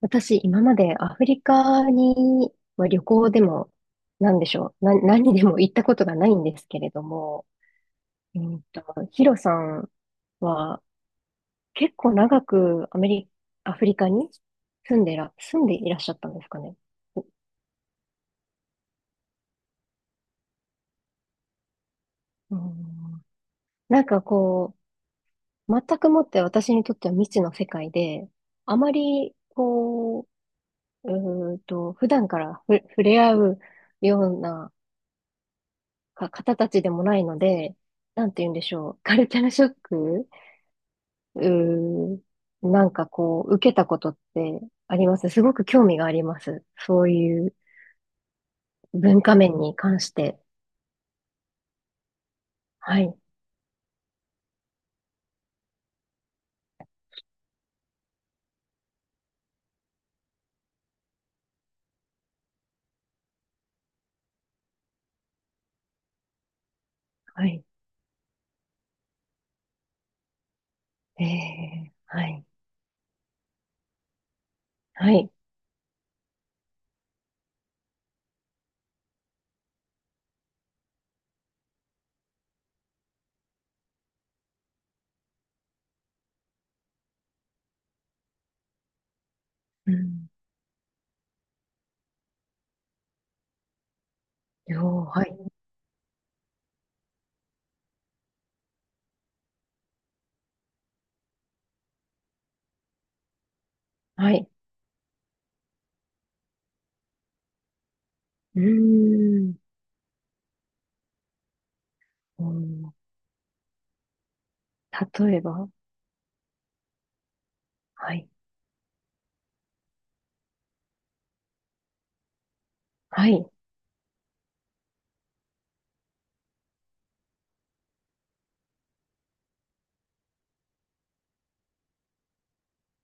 私、今までアフリカに、まあ、旅行でも、なんでしょう、な、何でも行ったことがないんですけれども、うんと、ヒロさんは結構長くアフリカに住んでいらっしゃったんですかね。うん、なんかこう、全くもって私にとっては未知の世界で、あまりこう、普段から触れ合うような方たちでもないので、なんて言うんでしょう。カルチャーショックうーなんかこう、受けたことってあります、すごく興味があります。そういう文化面に関して。はい、はい、ええ、はい、はい、うん、よー、はい、はい、うーん、うん、例えば、はい、はい、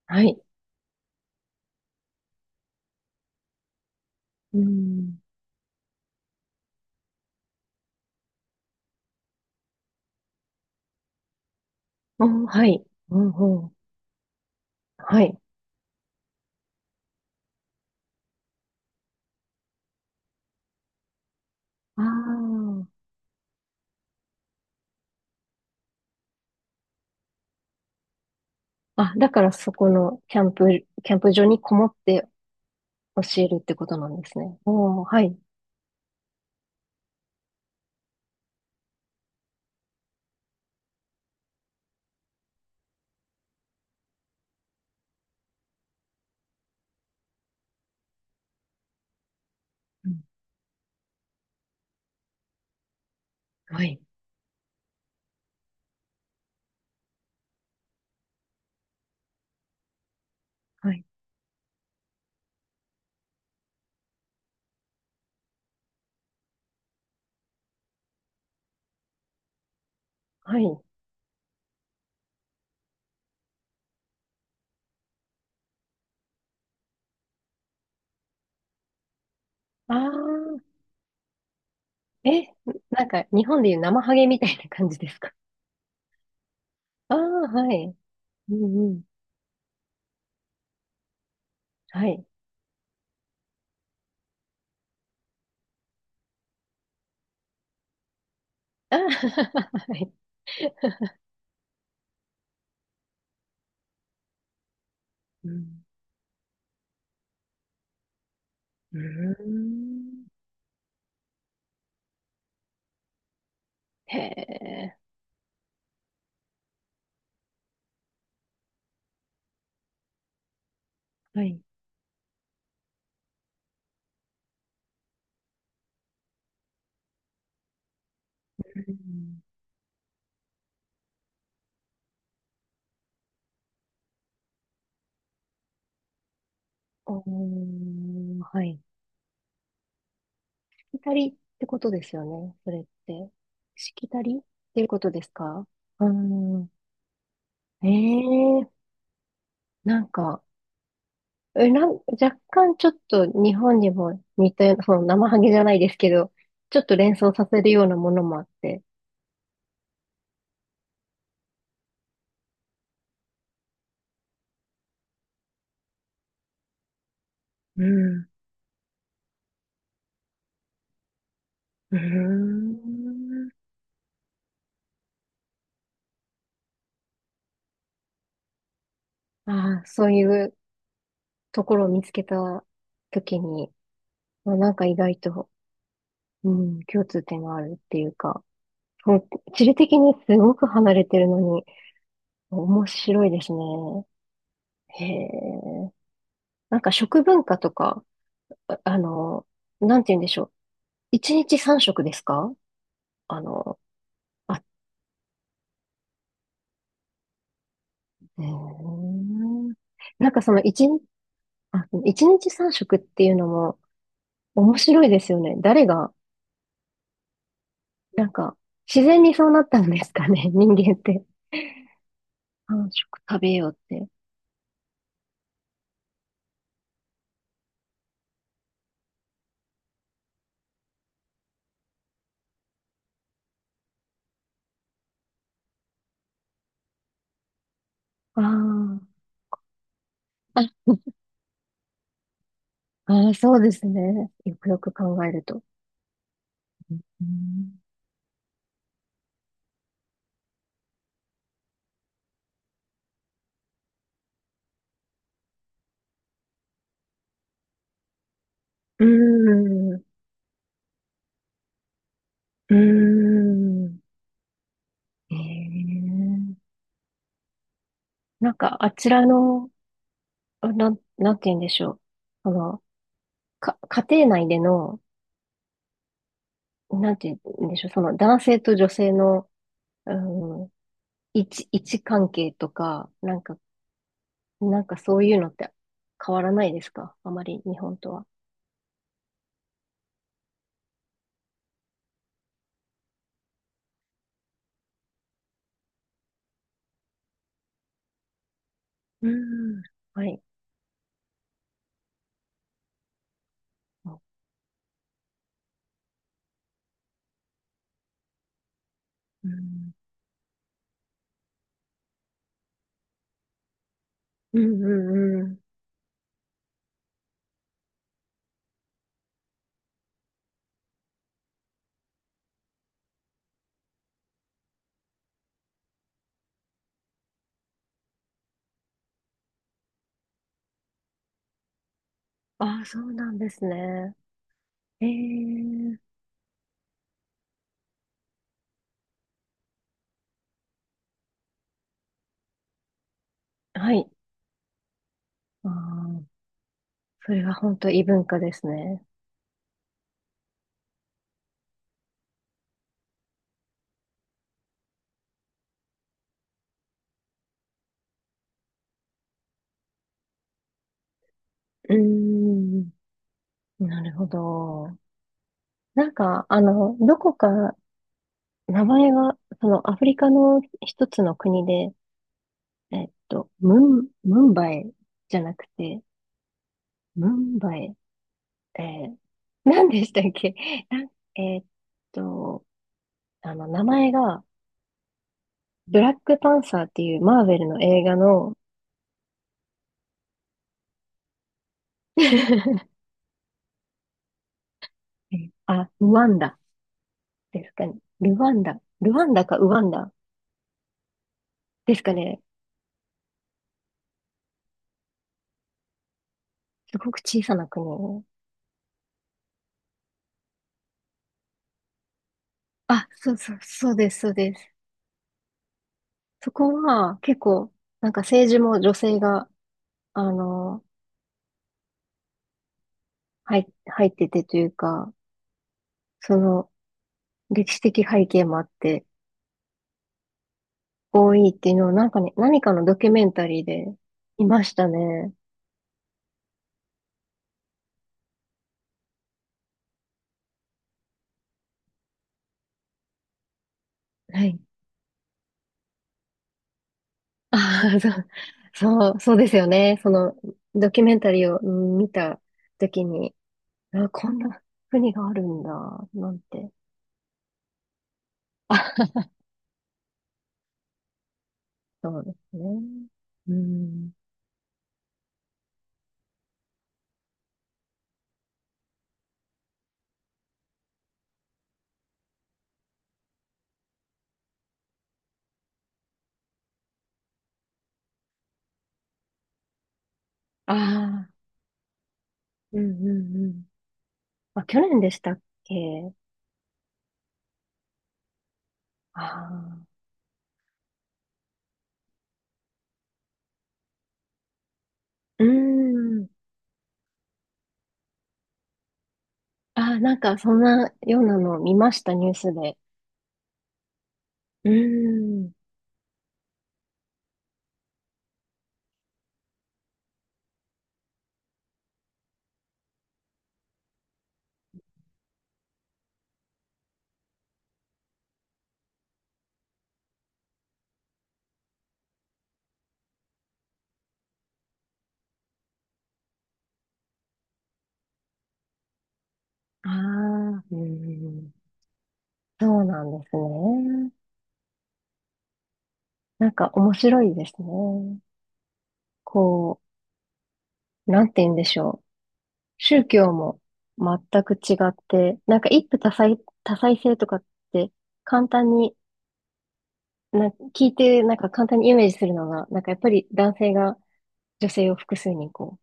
はい、うん、お、はい、うん、うん、はい、ああ、あ、だからそこのキャンプ、キャンプ場にこもって教えるってことなんですね。おー、はい、うん、はい、はい。はい。ああ、え、なんか日本でいう生ハゲみたいな感じですか。ああー、はい。うんうん。はい。ああ、はい。うん、うーん、へえ。はい。うん、おー、はい。しきたりってことですよね。それって。しきたりっていうことですか。うん。ええ、なんか、え、なん、若干ちょっと日本にも似たような、その生ハゲじゃないですけど、ちょっと連想させるようなものもあって、うん。うーん。ああ、そういうところを見つけた時に、まあなんか意外と、うん、共通点があるっていうか、そう、地理的にすごく離れてるのに、面白いですね。へえ。なんか食文化とか、あ、あの、なんて言うんでしょう。一日三食ですか。あの、あ、えー、なんかその一日、あ、一日三食っていうのも面白いですよね。誰が、なんか、自然にそうなったんですかね、人間って。三食食べようって。あー、あ、あー、そうですね。よくよく考えると。うーん。うーん。うーん。ええ、なんか、あちらの、なんて言うんでしょう。あの、か、家庭内での、なんて言うんでしょう、その男性と女性の、うん、位置関係とか、なんか、なんかそういうのって変わらないですか、あまり日本とは。うん、はい。うん、うん、うん、うん。ああ、そうなんですね。ええ、はい。ああ、それは本当異文化ですね。うーん、なるほど。なんか、あの、どこか名前が、そのアフリカの一つの国で、えっと、ムンバイじゃなくて、ムンバイ、えー、何でしたっけ。 なんえっと、あの、名前が、ブラックパンサーっていうマーベルの映画の、えー、あ、ルワンダですかね。ルワンダ。ルワンダかウワンダですかね。すごく小さな国。あ、そうそう、そうです、そうです。そこは結構、なんか政治も女性が、あの、入っててというか、その、歴史的背景もあって多いっていうのをなんかね、何かのドキュメンタリーでいましたね。はい。ああ、そう、そう、そうですよね。そのドキュメンタリーをうん見たときに、あ、こんな国があるんだ、なんて。あ、そうですね。うん。ああ、うんうんうん。あ、去年でしたっけ。ああ、うん。ああ、なんかそんなようなのを見ました、ニュースで。うん。ああ、うん。そうなんですね。なんか面白いですね。こう、なんて言うんでしょう。宗教も全く違って、なんか一夫多妻、多妻制とかって簡単に、な、聞いてなんか簡単にイメージするのが、なんかやっぱり男性が女性を複数にこ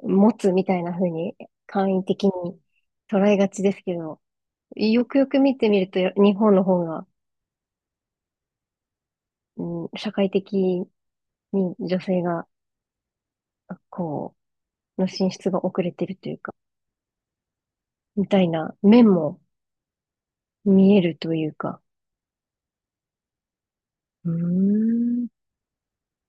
う、持つみたいな風に簡易的に捉えがちですけど、よくよく見てみると日本の方が、うん、社会的に女性がこの進出が遅れてるというか、みたいな面も見えるというか。うーん。